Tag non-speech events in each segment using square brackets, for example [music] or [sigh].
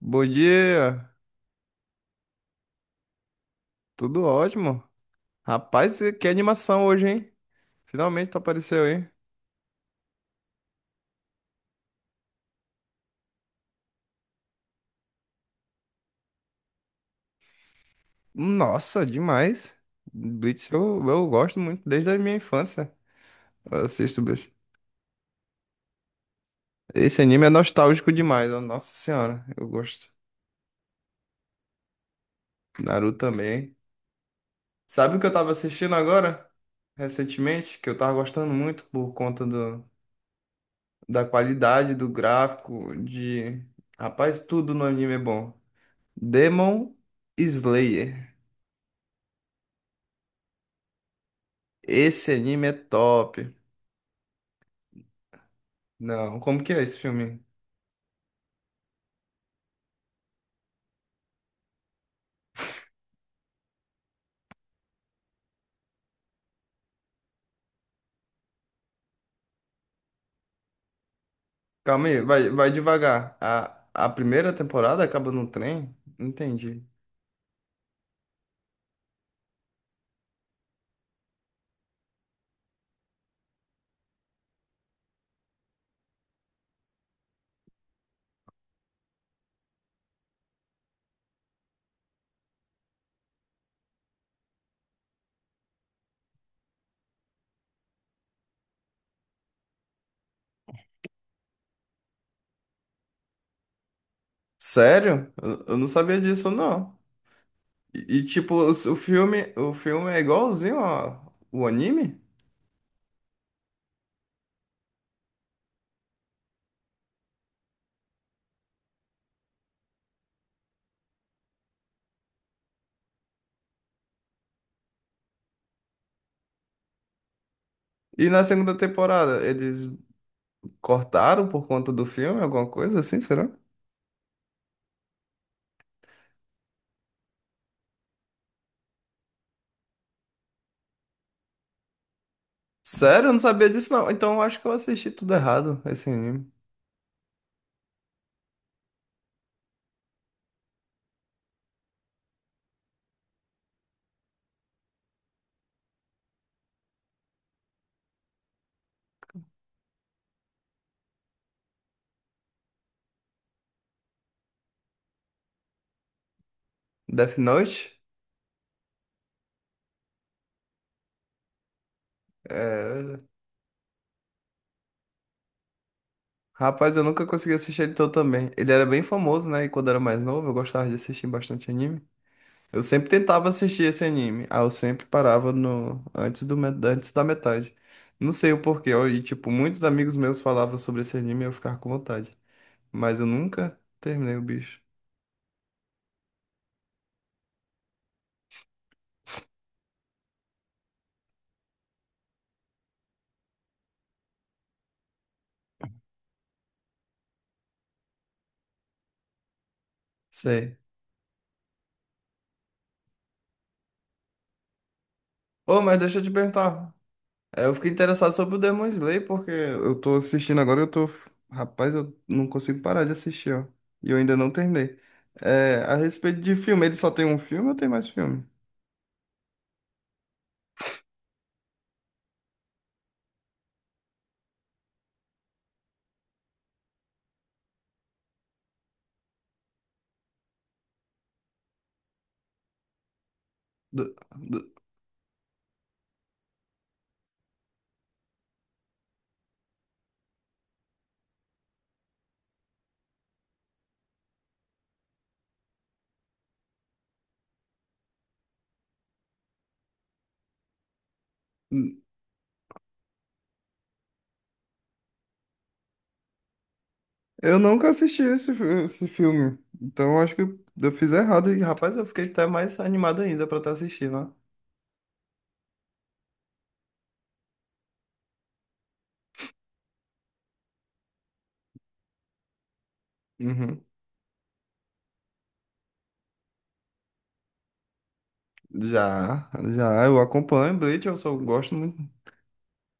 Bom dia, tudo ótimo. Rapaz, que animação hoje, hein? Finalmente tu apareceu aí. Nossa, demais. Blitz eu gosto muito desde a minha infância. Eu assisto Blitz. Esse anime é nostálgico demais, ó. Nossa senhora, eu gosto. Naruto também. Sabe o que eu tava assistindo agora? Recentemente, que eu tava gostando muito por conta da qualidade do gráfico, de... Rapaz, tudo no anime é bom. Demon Slayer. Esse anime é top. Não, como que é esse filme? Calma aí, vai devagar. A primeira temporada acaba no trem? Entendi. Sério? Eu não sabia disso, não. Tipo, o filme é igualzinho ao, o anime? E na segunda temporada, eles cortaram por conta do filme, alguma coisa assim, será? Sério? Eu não sabia disso, não. Então eu acho que eu assisti tudo errado, esse anime. Death Note? É. Rapaz, eu nunca consegui assistir ele todo também. Ele era bem famoso, né? E quando era mais novo, eu gostava de assistir bastante anime. Eu sempre tentava assistir esse anime. Ah, eu sempre parava no antes do met- antes da metade. Não sei o porquê. Ó, e tipo, muitos amigos meus falavam sobre esse anime e eu ficava com vontade. Mas eu nunca terminei o bicho. Sei. Ô, mas deixa eu te perguntar. É, eu fiquei interessado sobre o Demon Slayer, porque eu tô assistindo agora e eu tô. Rapaz, eu não consigo parar de assistir, ó. E eu ainda não terminei. É, a respeito de filme, ele só tem um filme ou tem mais filme? Do- do- Eu nunca assisti esse, fi- esse filme. Então eu acho que eu fiz errado. E, rapaz, eu fiquei até mais animado ainda pra estar assistindo, ó. Uhum. Já, já, eu acompanho Bleach, eu só gosto muito.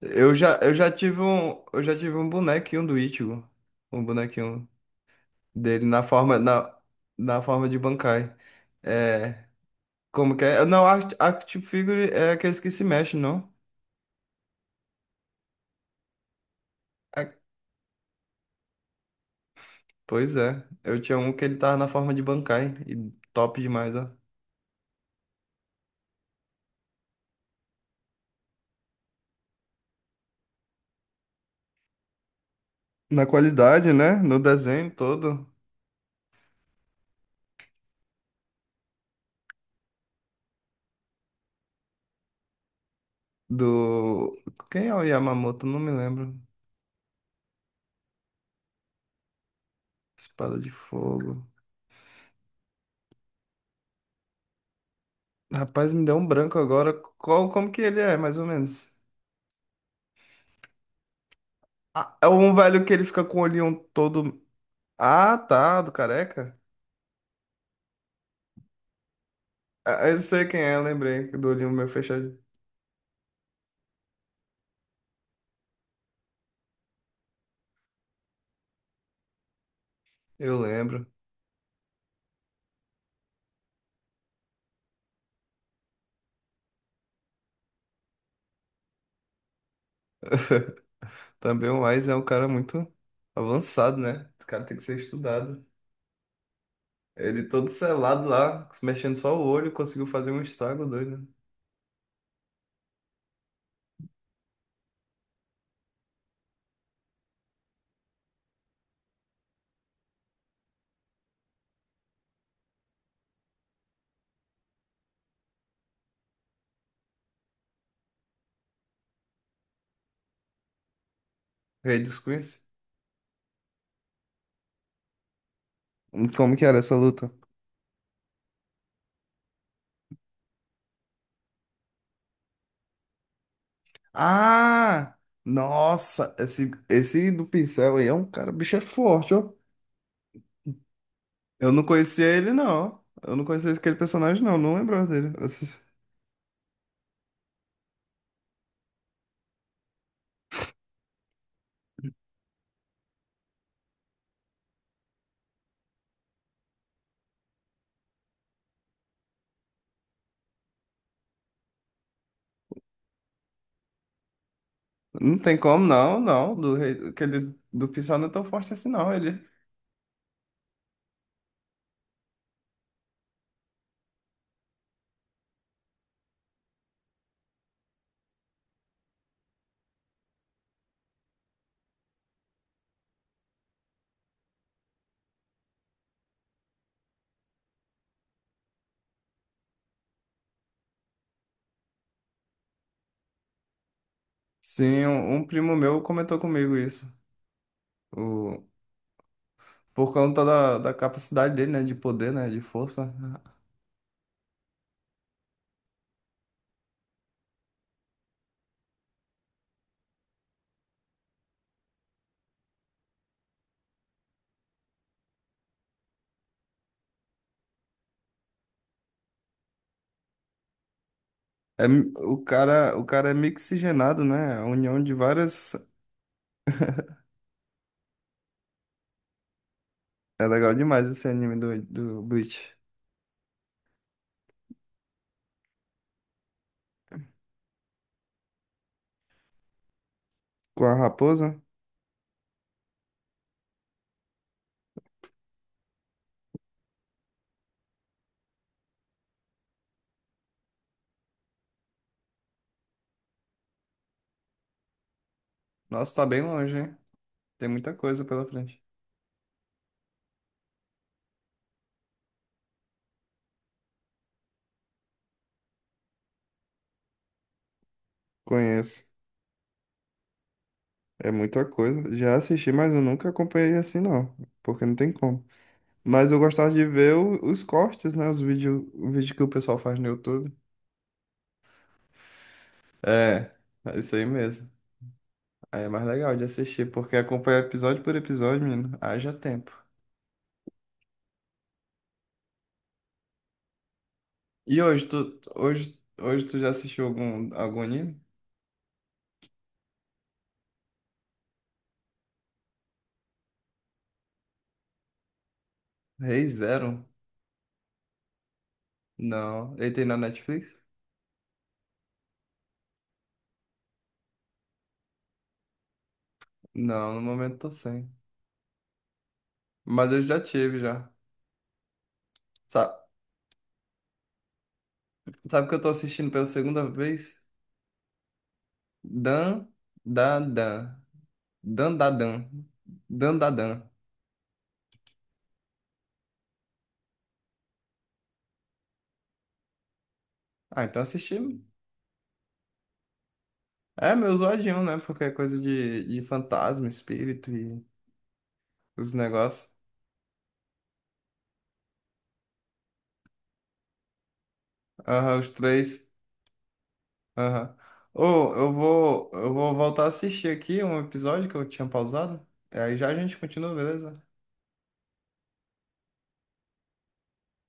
Eu já tive um, eu já tive um bonequinho do Ichigo. Um bonequinho. Dele na forma na, na forma de Bankai. É, como que é? Não, Act- Action Figure é aqueles que se mexem, não? É, pois é. Eu tinha um que ele tava na forma de Bankai e top demais, ó. Na qualidade, né? No desenho todo do quem é o Yamamoto? Não me lembro. Espada de fogo. Rapaz, me deu um branco agora. Qual, como que ele é, mais ou menos? Ah, é um velho que ele fica com o olhinho todo. Ah, tá, do careca. Ah, eu sei quem é, lembrei, do olhinho meu fechado. Eu lembro. [laughs] Também o Wise é um cara muito avançado, né? O cara tem que ser estudado. Ele todo selado lá, mexendo só o olho, conseguiu fazer um estrago doido, né? Rei dos Queens. Como que era essa luta? Ah! Nossa! Esse do pincel aí é um cara, bicho é forte, ó. Eu não conhecia ele, não. Eu não conhecia aquele personagem, não. Não lembrava dele. Esse- Não tem como, não, não. Do rei, aquele do pincel não é tão forte assim, não. Ele sim, um primo meu comentou comigo isso. O, por conta da, da capacidade dele, né? De poder, né? De força. É, mi- o cara é mixigenado, né? A união de várias. É legal demais esse anime do, do Bleach. Com a raposa. Nossa, tá bem longe, hein? Tem muita coisa pela frente. Conheço. É muita coisa. Já assisti, mas eu nunca acompanhei assim, não. Porque não tem como. Mas eu gostava de ver o- os cortes, né? Os vídeos, o vídeo que o pessoal faz no YouTube. É, é isso aí mesmo. Aí é mais legal de assistir, porque acompanha episódio por episódio, menino. Haja tempo. E hoje, tu, hoje tu já assistiu algum, algum anime? Rei Zero? Não. Ele tem na Netflix? Não, no momento tô sem. Mas eu já tive, já. Sabe, sabe o que eu tô assistindo pela segunda vez? Dan, da, Dan. Dan, da, Dan. Dan, da, Dan. Ah, então assisti. É meu zoadinho, né? Porque é coisa de fantasma, espírito e os negócios. Aham, os três. Aham. Ô, eu vou voltar a assistir aqui um episódio que eu tinha pausado. Aí já a gente continua, beleza?